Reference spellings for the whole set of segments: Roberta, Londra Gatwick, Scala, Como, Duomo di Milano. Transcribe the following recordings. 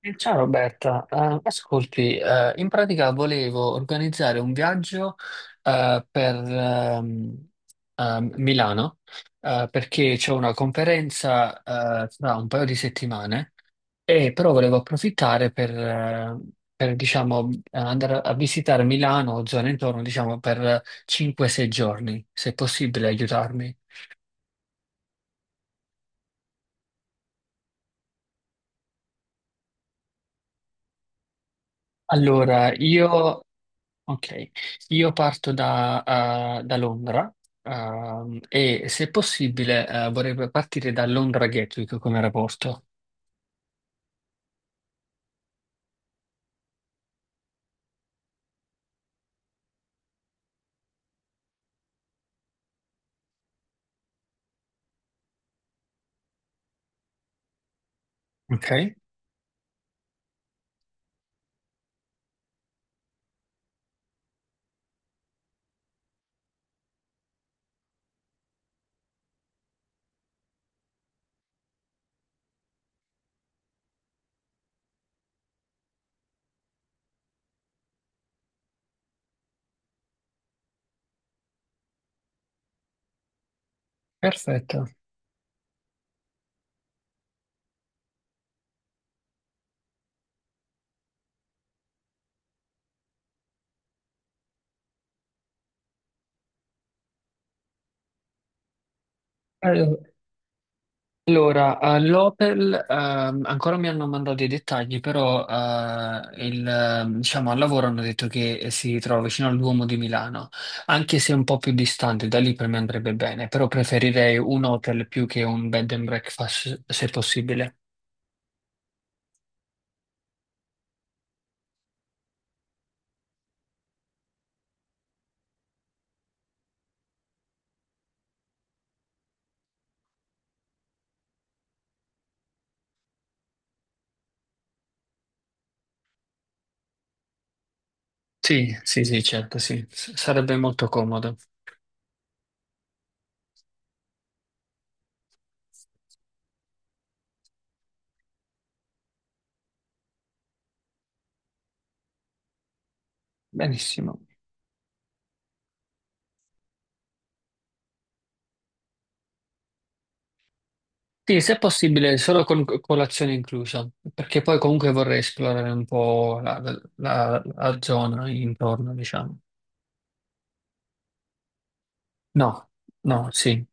Ciao Roberta. Ascolti, in pratica volevo organizzare un viaggio per Milano, perché c'è una conferenza tra un paio di settimane, e però volevo approfittare per diciamo, andare a visitare Milano o zone intorno, diciamo, per 5-6 giorni, se è possibile aiutarmi. Allora, io Ok, io parto da, da Londra, e se possibile vorrei partire da Londra Gatwick come aeroporto. Ok, perfetto. Allo- Allora, all'Opel ancora mi hanno mandato i dettagli, però diciamo, al lavoro hanno detto che si trova vicino al Duomo di Milano, anche se è un po' più distante, da lì per me andrebbe bene, però preferirei un hotel più che un bed and breakfast, se possibile. Sì, sì, sì, certo, sì, sarebbe molto comodo. Benissimo. Sì, se è possibile, solo con colazione inclusa, perché poi comunque vorrei esplorare un po' la zona intorno, diciamo. No, no, sì,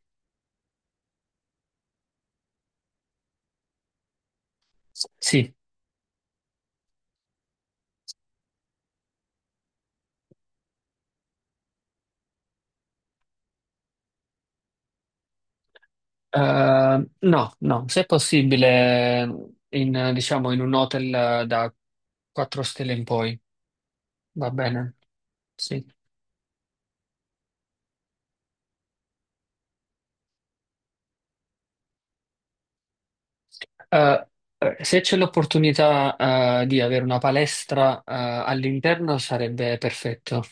sì. No, no, se è possibile, in, diciamo, in un hotel da 4 stelle in poi, va bene, sì. Eh, Se c'è l'opportunità, di avere una palestra, all'interno sarebbe perfetto,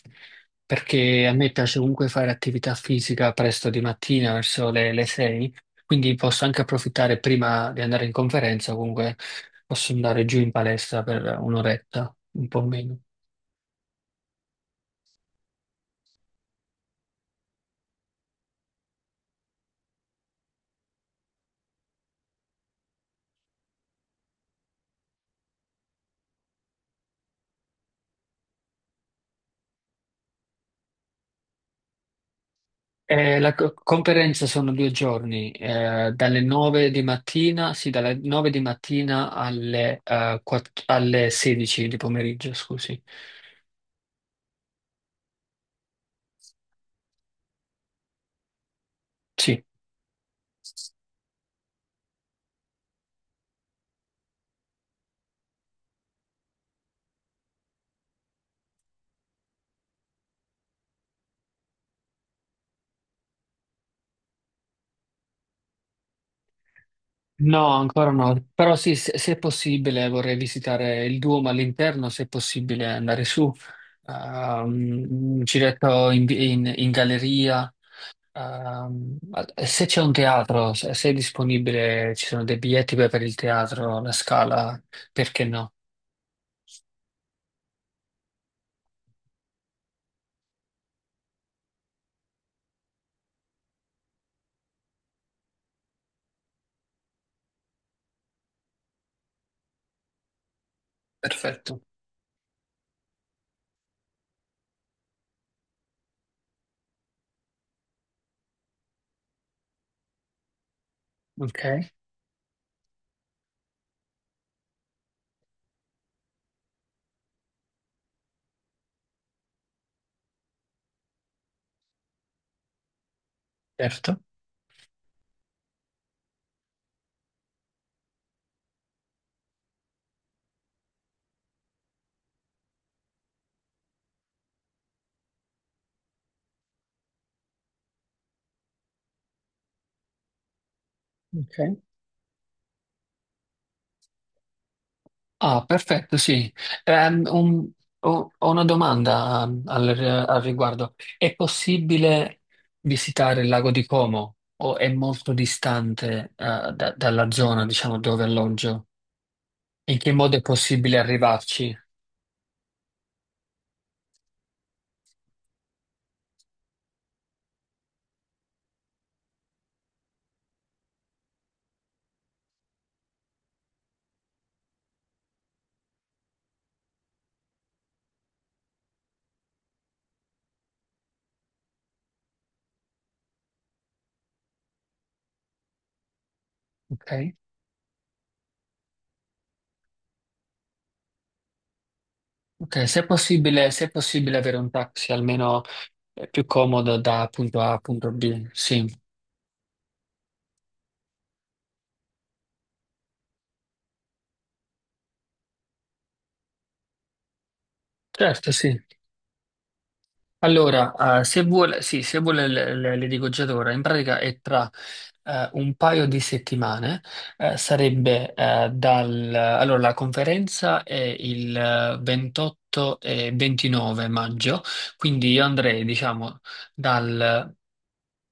perché a me piace comunque fare attività fisica presto di mattina, verso le 6, quindi posso anche approfittare prima di andare in conferenza, comunque posso andare giù in palestra per un'oretta, un po' meno. La conferenza sono 2 giorni, dalle 9 di mattina, sì, dalle 9 di mattina alle, alle 16 di pomeriggio, scusi. Sì. No, ancora no, però sì, se è possibile vorrei visitare il Duomo all'interno, se è possibile andare su, un giretto in, in galleria, ehm, se c'è un teatro, se è disponibile, ci sono dei biglietti per il teatro, la Scala, perché no? Perfetto. Ok, certo. Ok. Ah, perfetto, sì. Ehm, un- Ho, ho una domanda, al riguardo. È possibile visitare il lago di Como, o è molto distante, dalla zona, diciamo, dove alloggio? In che modo è possibile arrivarci? Ok? Ok, se è possibile, se è possibile avere un taxi, almeno più comodo da punto A a punto B. Sì, certo, sì. Allora, se vuole, sì, se vuole le dico già da ora, in pratica è tra un paio di settimane, sarebbe la conferenza è il 28 e 29 maggio, quindi io andrei, diciamo, dal,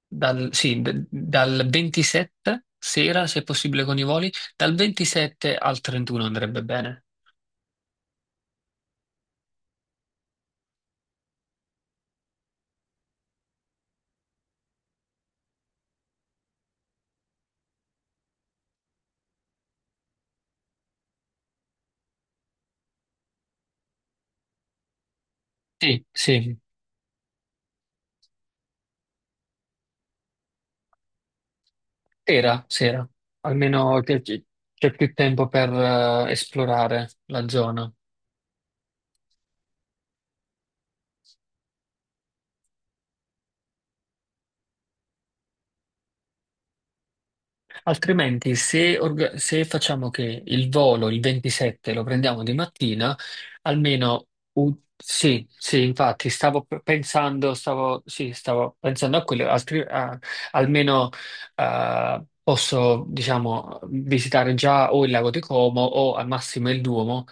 sì, dal 27 sera, se possibile con i voli, dal 27 al 31 andrebbe bene. Sì, sì. Sera, sera, almeno che- che- c'è più tempo per esplorare la zona. Altrimenti, se facciamo che il volo il 27 lo prendiamo di mattina, sì, sì, infatti stavo pensando, stavo pensando a quello, almeno posso, diciamo, visitare già o il lago di Como o al massimo il Duomo.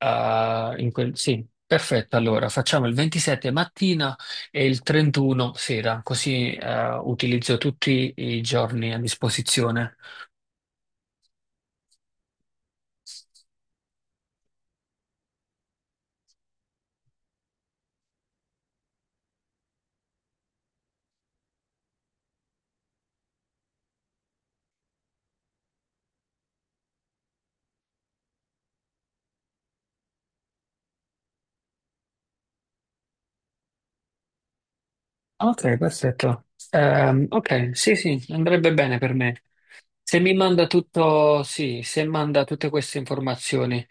Sì, perfetto. Allora facciamo il 27 mattina e il 31 sera, così utilizzo tutti i giorni a disposizione. Ok, perfetto. Ok, sì, sì, andrebbe bene per me. Se mi manda tutto, sì, se manda tutte queste informazioni.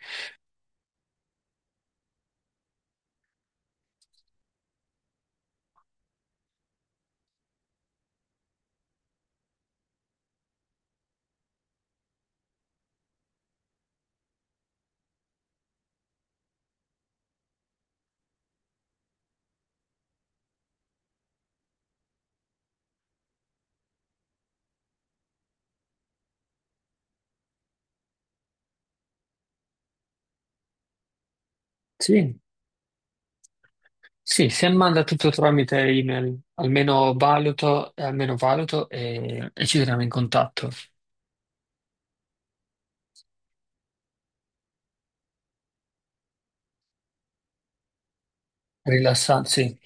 Sì, sì, se manda tutto tramite email, almeno valuto, almeno valuto, e ci teniamo in contatto. Rilassanti, sì.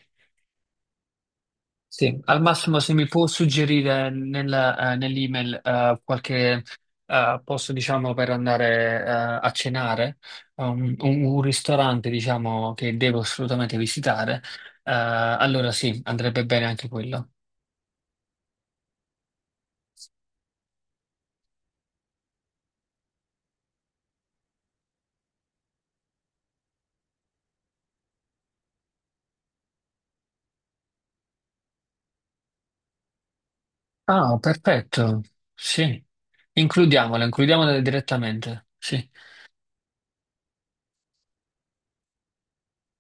Sì, al massimo se mi può suggerire nell'email qualche posto, diciamo, per andare a cenare, un ristorante, diciamo, che devo assolutamente visitare, allora sì, andrebbe bene anche quello. Ah, perfetto, sì, includiamolo, includiamolo direttamente, sì.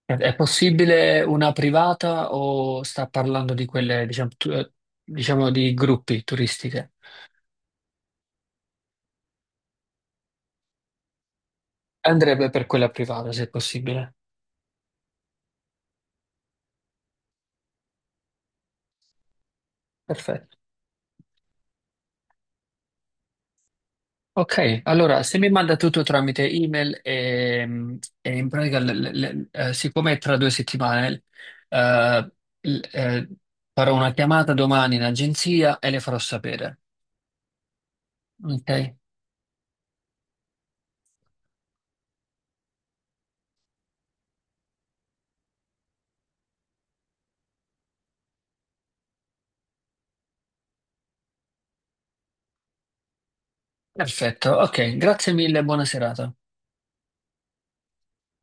È possibile una privata o sta parlando di quelle, diciamo, diciamo di gruppi turistiche? Andrebbe per quella privata, se possibile. Perfetto. Ok, allora se mi manda tutto tramite email, e in pratica, siccome è tra 2 settimane, eh, l- eh, farò una chiamata domani in agenzia e le farò sapere. Ok? Perfetto, ok, grazie mille, buona serata.